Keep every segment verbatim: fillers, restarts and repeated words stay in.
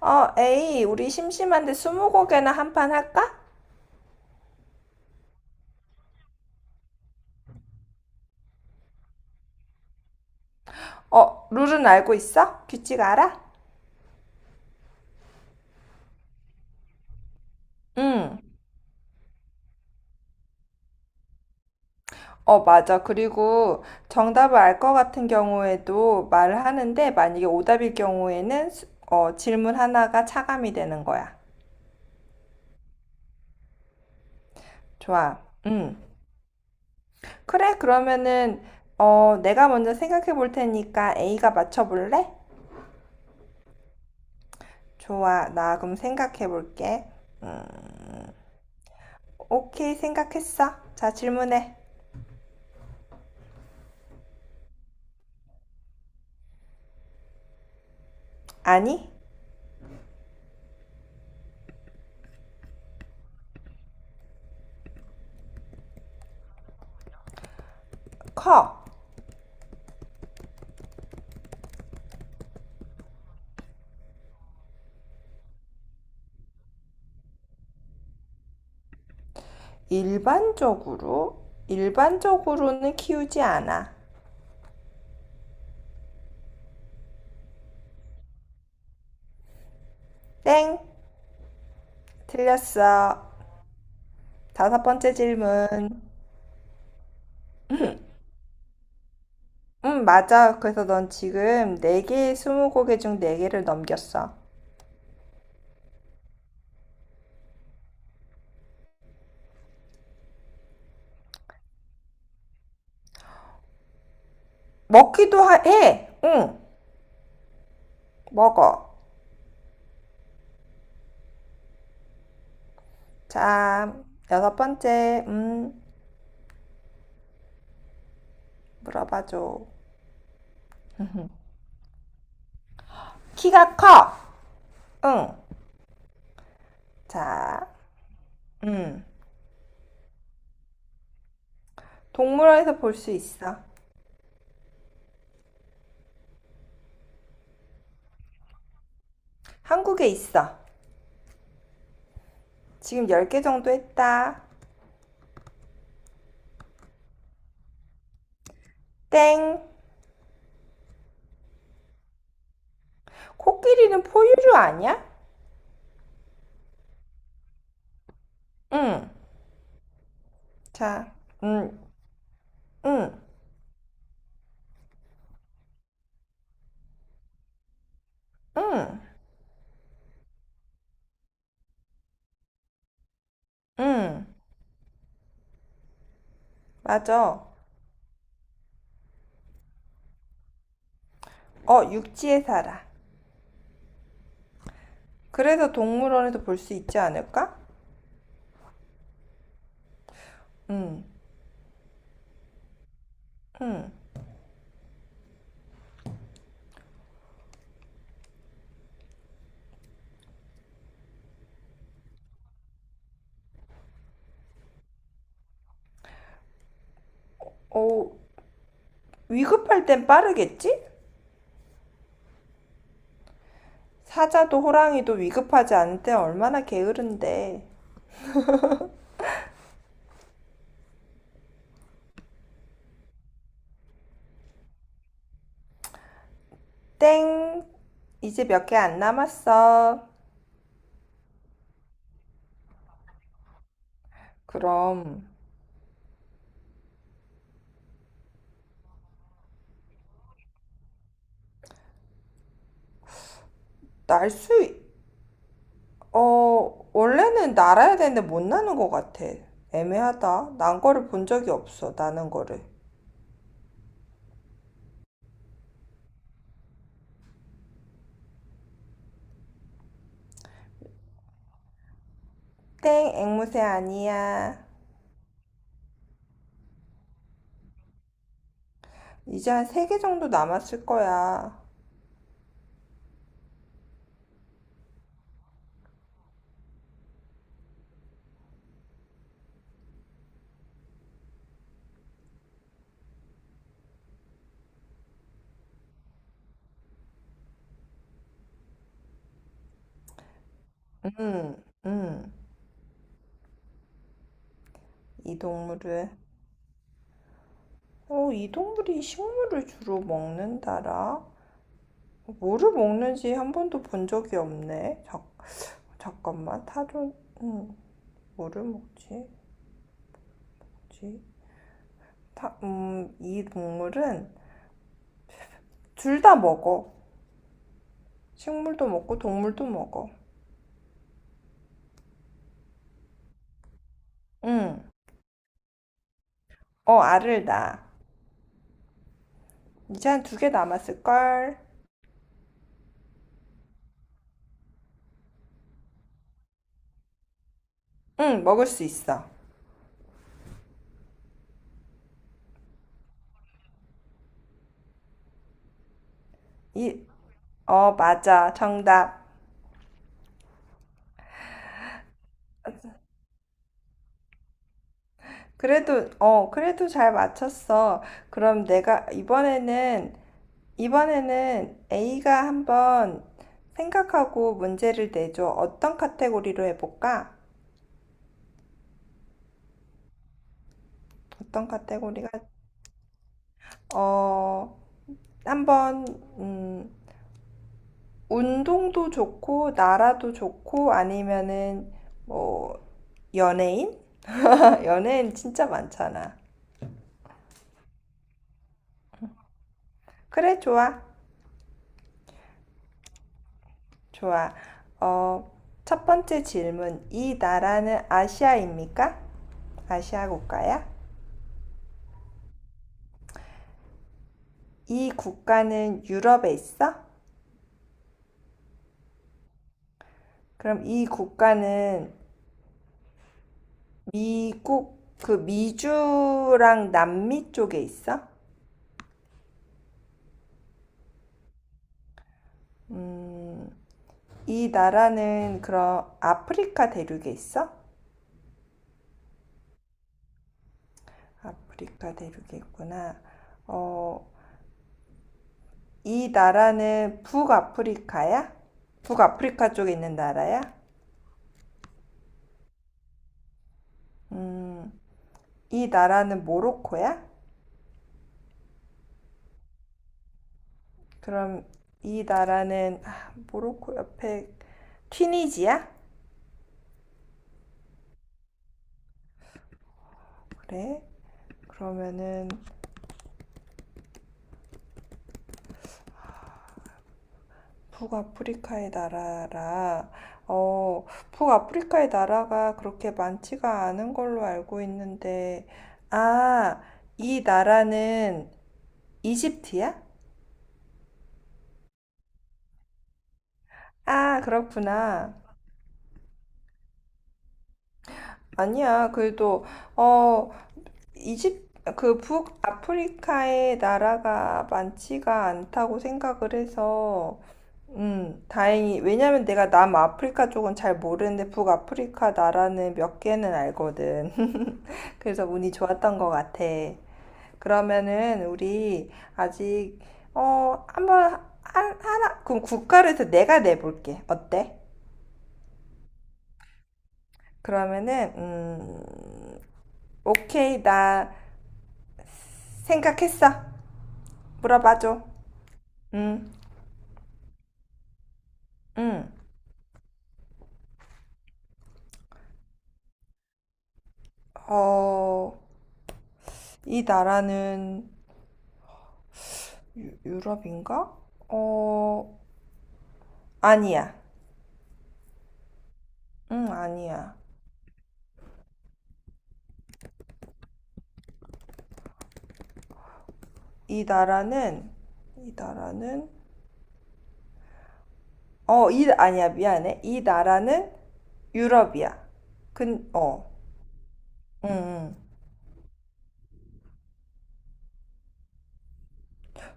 어, 에이, 우리 심심한데 스무고개나 한 판 할까? 어, 룰은 알고 있어? 규칙 알아? 응. 어, 맞아. 그리고 정답을 알 것 같은 경우에도 말을 하는데 만약에 오답일 경우에는 수- 어, 질문 하나가 차감이 되는 거야. 좋아. 응. 그래, 그러면은 어, 내가 먼저 생각해 볼 테니까 A가 맞춰 볼래? 좋아. 나 그럼 생각해 볼게. 음, 오케이, 생각했어. 자, 질문해. 아니, 커. 일반적으로? 일반적으로는 키우지 않아. 땡! 틀렸어. 다섯 번째 질문. 음, 맞아. 그래서 넌 지금 네개의 스무고개 중 네개를 넘겼어. 먹기도 하- 해! 응, 먹어. 자, 여섯 번째. 음, 물어봐줘. 키가 커! 응. 자, 음. 동물원에서 볼 수 있어. 한국에 있어. 지금 열 개 정도 했다. 땡! 코끼리는 포유류 아니야? 응. 자, 응, 응, 응, 응. 맞아. 어, 육지에 살아. 그래서 동물원에서 볼 수 있지 않을까? 응, 응. 어, 위급할 땐 빠르겠지? 사자도 호랑이도 위급하지 않을 때 얼마나 게으른데. 땡. 이제 몇 개 안 남았어. 그럼, 날수 어, 원래는 날아야 되는데 못 나는 것 같아. 애매하다. 난 거를 본 적이 없어, 나는 거를. 땡, 앵무새 아니야. 이제 한 세 개 정도 남았을 거야. 음, 음, 이 동물을. 어, 이 동물이 식물을 주로 먹는다라? 뭐를 먹는지 한 번도 본 적이 없네. 자, 잠깐만, 타조, 음, 뭐를 먹지? 뭐지? 타, 음, 이 동물은 둘 다 먹어. 식물도 먹고 동물도 먹어. 응. 어, 알을 낳아. 이제 한 두 개 남았을걸? 응, 먹을 수 있어. 이, 어, 맞아. 정답. 그래도, 어, 그래도 잘 맞췄어. 그럼 내가 이번에는, 이번에는 A가 한번 생각하고 문제를 내줘. 어떤 카테고리로 해볼까? 어떤 카테고리가, 어, 한번, 음, 운동도 좋고, 나라도 좋고, 아니면은 뭐 연예인? 연예인 진짜 많잖아. 그래, 좋아. 좋아. 어, 첫 번째 질문. 이 나라는 아시아입니까? 아시아 국가야? 이 국가는 유럽에 있어? 그럼 이 국가는 미국, 그 미주랑 남미 쪽에 있어? 음, 이 나라는 그럼 아프리카 대륙에 있어? 아프리카 대륙이구나. 어, 이 나라는 북아프리카야? 북아프리카 쪽에 있는 나라야? 음, 이 나라는 모로코야? 그럼 이 나라는 아, 모로코 옆에 튀니지야? 그래? 그러면은 북아프리카의 나라라. 어, 북아프리카의 나라가 그렇게 많지가 않은 걸로 알고 있는데, 아, 이 나라는 이집트야? 아, 그렇구나. 아니야. 그래도 어, 이집 그 북아프리카의 나라가 많지가 않다고 생각을 해서 음, 다행히 왜냐면 내가 남아프리카 쪽은 잘 모르는데 북아프리카 나라는 몇 개는 알거든. 그래서 운이 좋았던 것 같아. 그러면은 우리 아직 어, 한번 한, 하나 그럼 국가를 해서 내가 내볼게. 어때? 그러면은 음, 오케이, 나 생각했어. 물어봐줘. 응, 응. 어, 이 나라는 유, 유럽인가? 어, 아니야. 응, 아니야. 이 나라는, 이 나라는, 어, 이, 아니야, 미안해. 이 나라는 유럽이야. 근, 어, 응, 응.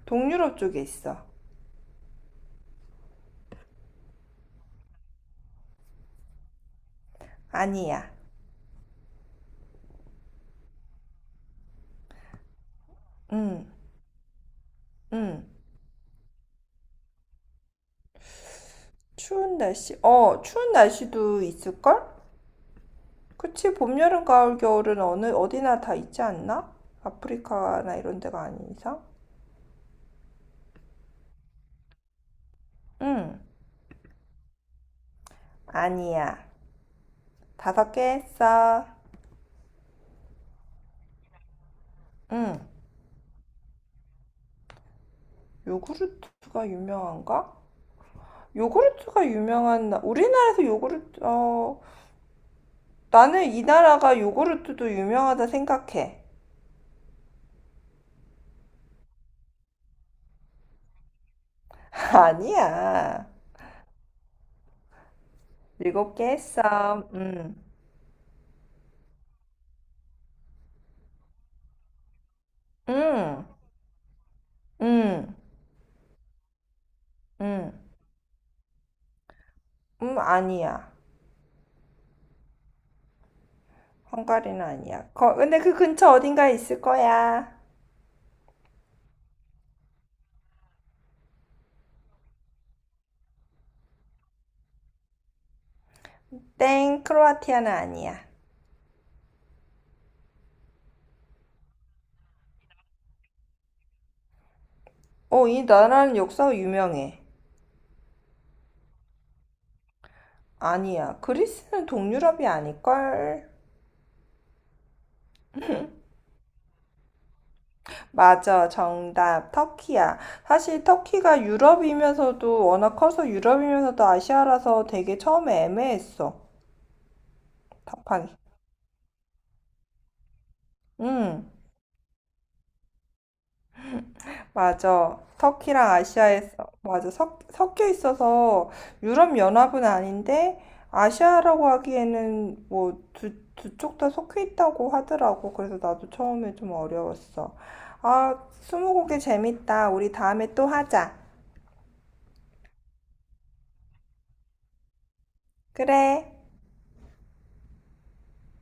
동유럽 쪽에 있어. 아니야. 응, 응. 추운 날씨, 어, 추운 날씨도 있을걸? 그치, 봄, 여름, 가을, 겨울은 어느, 어디나 다 있지 않나? 아프리카나 이런 데가 아닌 이상? 응, 아니야. 다섯 개 했어. 응, 요구르트가 유명한가? 요구르트가 유명한, 나- 우리나라에서 요구르트, 어, 나는 이 나라가 요구르트도 유명하다 생각해. 아니야. 일곱 개 했어. 응, 응, 응, 응, 응, 아니야. 헝가리는 아니야. 거, 근데 그 근처 어딘가에 있을 거야. 땡, 크로아티아는 아니야. 어, 이 나라는 역사가 유명해. 아니야. 그리스는 동유럽이 아닐걸? 맞아. 정답. 터키야. 사실 터키가 유럽이면서도 워낙 커서 유럽이면서도 아시아라서 되게 처음에 애매했어. 답하기. 응. 맞아. 터키랑 아시아에서, 맞아. 섞, 여 있어서 유럽연합은 아닌데, 아시아라고 하기에는 뭐 두, 두 쪽 다 섞여 있다고 하더라고. 그래서 나도 처음에 좀 어려웠어. 아, 스무고개 재밌다. 우리 다음에 또 하자. 그래.